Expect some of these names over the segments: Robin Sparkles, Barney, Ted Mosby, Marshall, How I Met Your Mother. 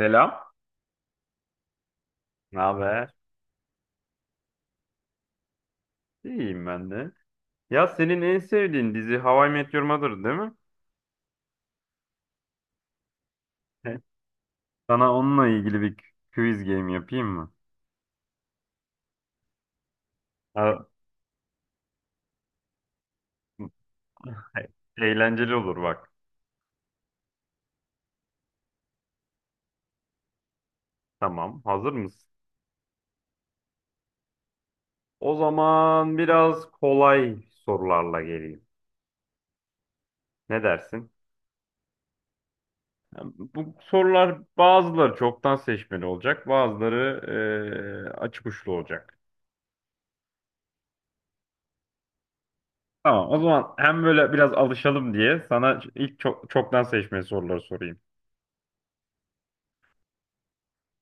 Selam. Ne haber? İyiyim ben de. Ya senin en sevdiğin dizi How I Met Your Mother değil mi? Sana onunla ilgili bir quiz game yapayım mı? Ha, eğlenceli olur bak. Tamam, hazır mısın? O zaman biraz kolay sorularla geleyim. Ne dersin? Bu sorular bazıları çoktan seçmeli olacak, bazıları açık uçlu olacak. Tamam, o zaman hem böyle biraz alışalım diye sana ilk çoktan seçmeli soruları sorayım.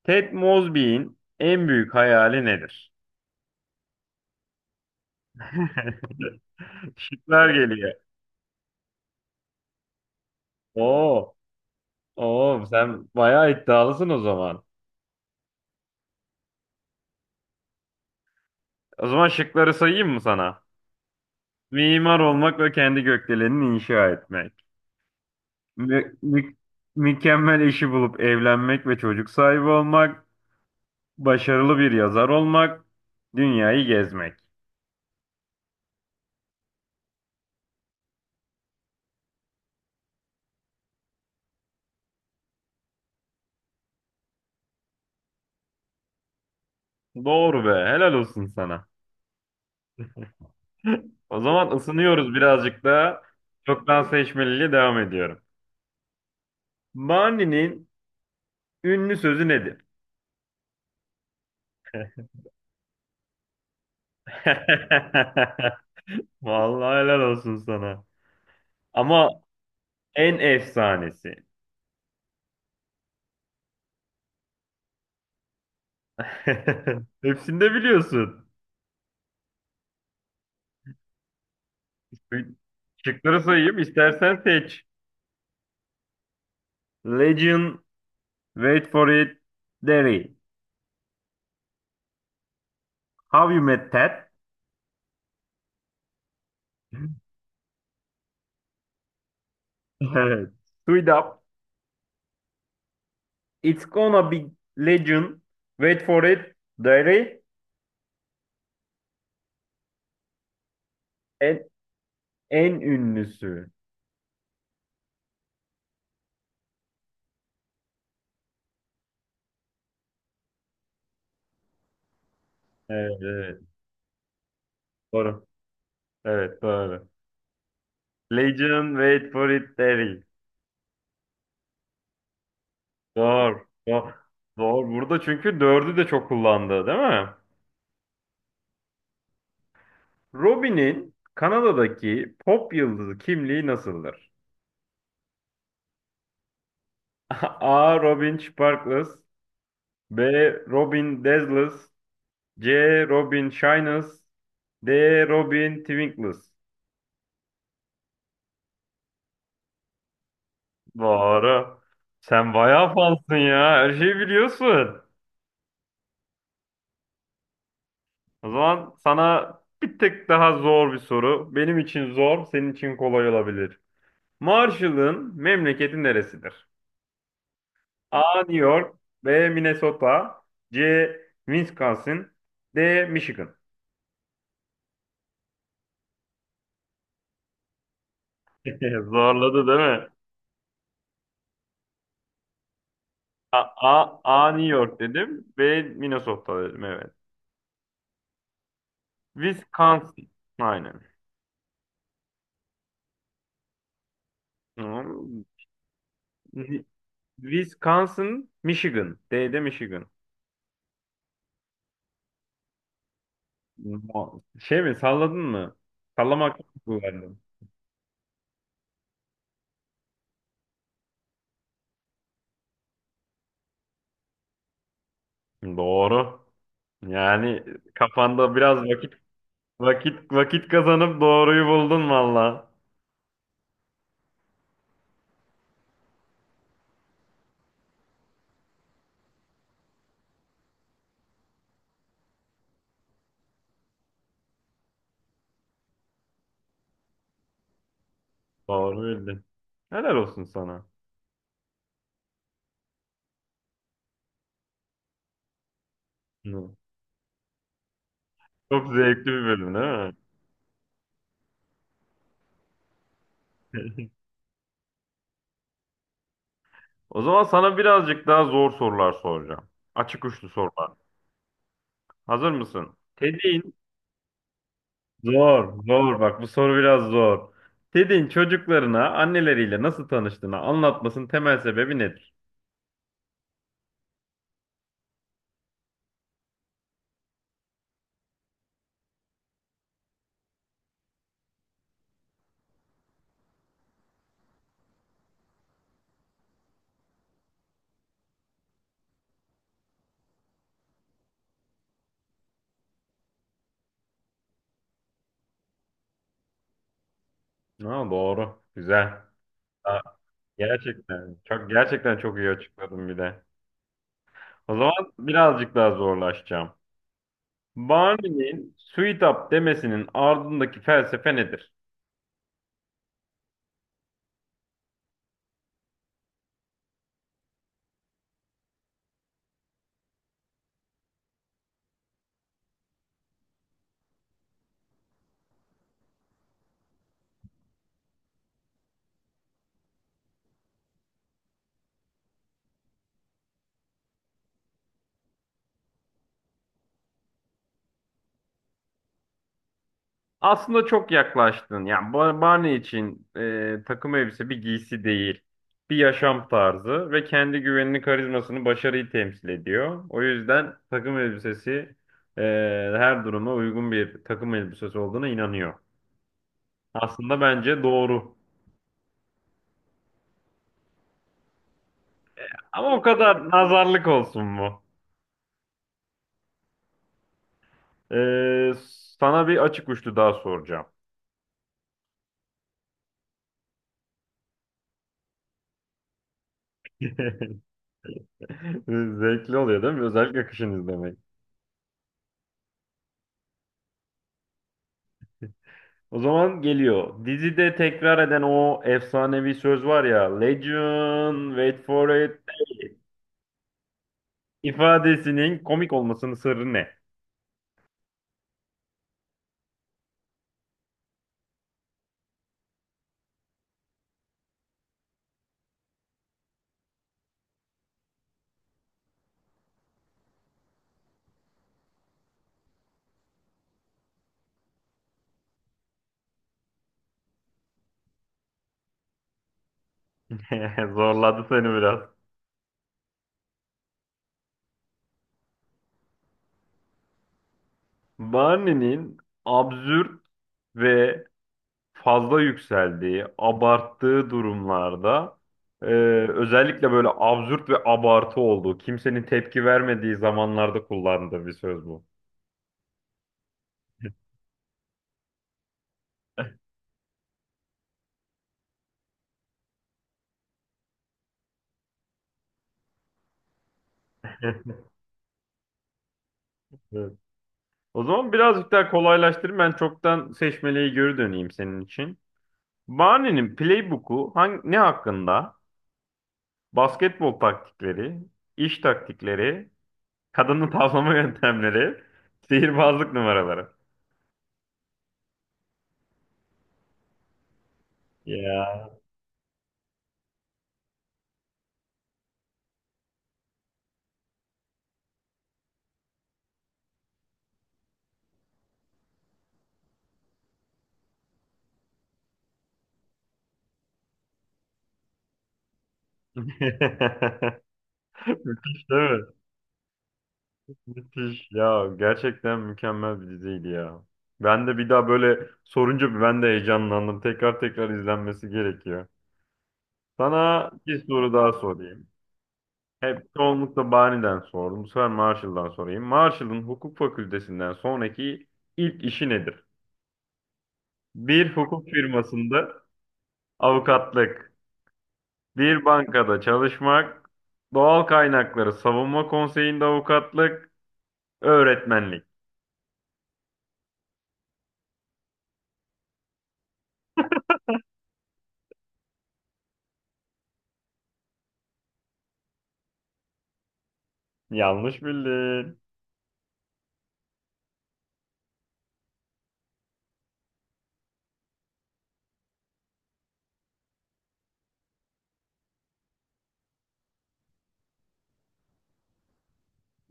Ted Mosby'in en büyük hayali nedir? Şıklar geliyor. Oo, oo, sen bayağı iddialısın o zaman. O zaman şıkları sayayım mı sana? Mimar olmak ve kendi gökdelenini inşa etmek. Mü- mü- mükemmel eşi bulup evlenmek ve çocuk sahibi olmak. Başarılı bir yazar olmak. Dünyayı gezmek. Doğru be, helal olsun sana. O zaman ısınıyoruz birazcık daha. Çoktan seçmeliyle devam ediyorum. Barney'nin ünlü sözü nedir? Vallahi helal olsun sana. Ama en efsanesi. Hepsini de biliyorsun. Şıkları sayayım, istersen seç. Legend, wait for it, Derry. How you met Ted? Evet. Sweet up. It's gonna be legend. Wait for it, Derry. En, en ünlüsü. Evet, evet. Doğru. Evet, doğru. Legion, wait for it, Derry. Doğru. Doğru. Doğru. Burada çünkü dördü de çok kullandı, değil mi? Robin'in Kanada'daki pop yıldızı kimliği nasıldır? A. Robin Sparkles. B. Robin Dazzles. C. Robin Shines. D. Robin Twinkles. Doğru. Sen bayağı fansın ya. Her şeyi biliyorsun. O zaman sana bir tek daha zor bir soru. Benim için zor, senin için kolay olabilir. Marshall'ın memleketi neresidir? A. New York. B. Minnesota. C. Wisconsin. D. Michigan. Zorladı değil mi? A New York dedim. B Minnesota dedim, evet. Wisconsin. Aynen. Tamam. Wi- Wisconsin, Michigan. D'de Michigan. Şey mi salladın mı? Sallamak mı kullandın? Doğru. Yani kafanda biraz vakit vakit kazanıp doğruyu buldun valla. Doğru bildin. Helal olsun sana. Hı. Çok zevkli bir bölüm değil mi? O zaman sana birazcık daha zor sorular soracağım. Açık uçlu sorular. Hazır mısın? Zor, zor. Bak bu soru biraz zor. Ted'in çocuklarına anneleriyle nasıl tanıştığını anlatmasının temel sebebi nedir? Ha, doğru. Güzel. Ha, gerçekten. Gerçekten çok iyi açıkladın bir de. O zaman birazcık daha zorlaşacağım. Barney'nin Sweet Up demesinin ardındaki felsefe nedir? Aslında çok yaklaştın. Yani Barney için takım elbise bir giysi değil. Bir yaşam tarzı ve kendi güvenini, karizmasını, başarıyı temsil ediyor. O yüzden takım elbisesi e, her duruma uygun bir takım elbisesi olduğuna inanıyor. Aslında bence doğru. Ama o kadar nazarlık olsun mu? E, sana bir açık uçlu daha soracağım. Zevkli oluyor değil mi? Özellikle kışın izlemek. O zaman geliyor. Dizide tekrar eden o efsanevi söz var ya. Legend, wait for it ifadesinin komik olmasının sırrı ne? Zorladı seni biraz. Barney'nin absürt ve fazla yükseldiği, abarttığı durumlarda e, özellikle böyle absürt ve abartı olduğu, kimsenin tepki vermediği zamanlarda kullandığı bir söz bu. O zaman birazcık daha kolaylaştırayım. Ben çoktan seçmeliği geri döneyim senin için. Barney'nin playbook'u ne hakkında? Basketbol taktikleri, iş taktikleri, kadını tavlama yöntemleri, sihirbazlık numaraları. Ya. Müthiş değil mi? Müthiş. Ya gerçekten mükemmel bir diziydi ya. Ben de bir daha böyle sorunca ben de heyecanlandım. Tekrar tekrar izlenmesi gerekiyor. Sana bir soru daha sorayım. Hep çoğunlukla Bani'den sordum. Bu sefer Marshall'dan sorayım. Marshall'ın hukuk fakültesinden sonraki ilk işi nedir? Bir hukuk firmasında avukatlık, bir bankada çalışmak, doğal kaynakları savunma konseyinde avukatlık, öğretmenlik. Yanlış bildin.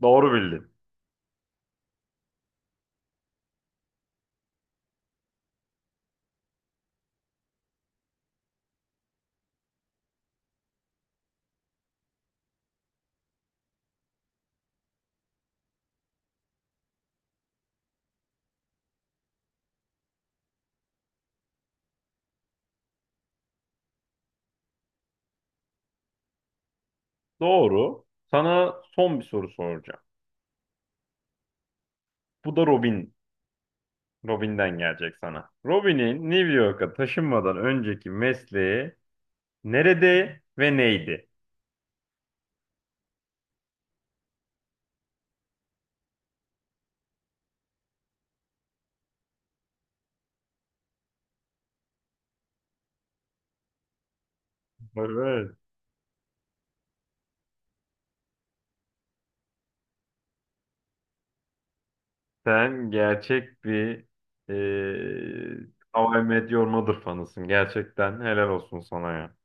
Doğru bildin. Doğru. Sana son bir soru soracağım. Bu da Robin. Robin'den gelecek sana. Robin'in New York'a taşınmadan önceki mesleği nerede ve neydi? Evet. Sen gerçek bir e, How I Met Your Mother fanısın. Gerçekten helal olsun sana ya.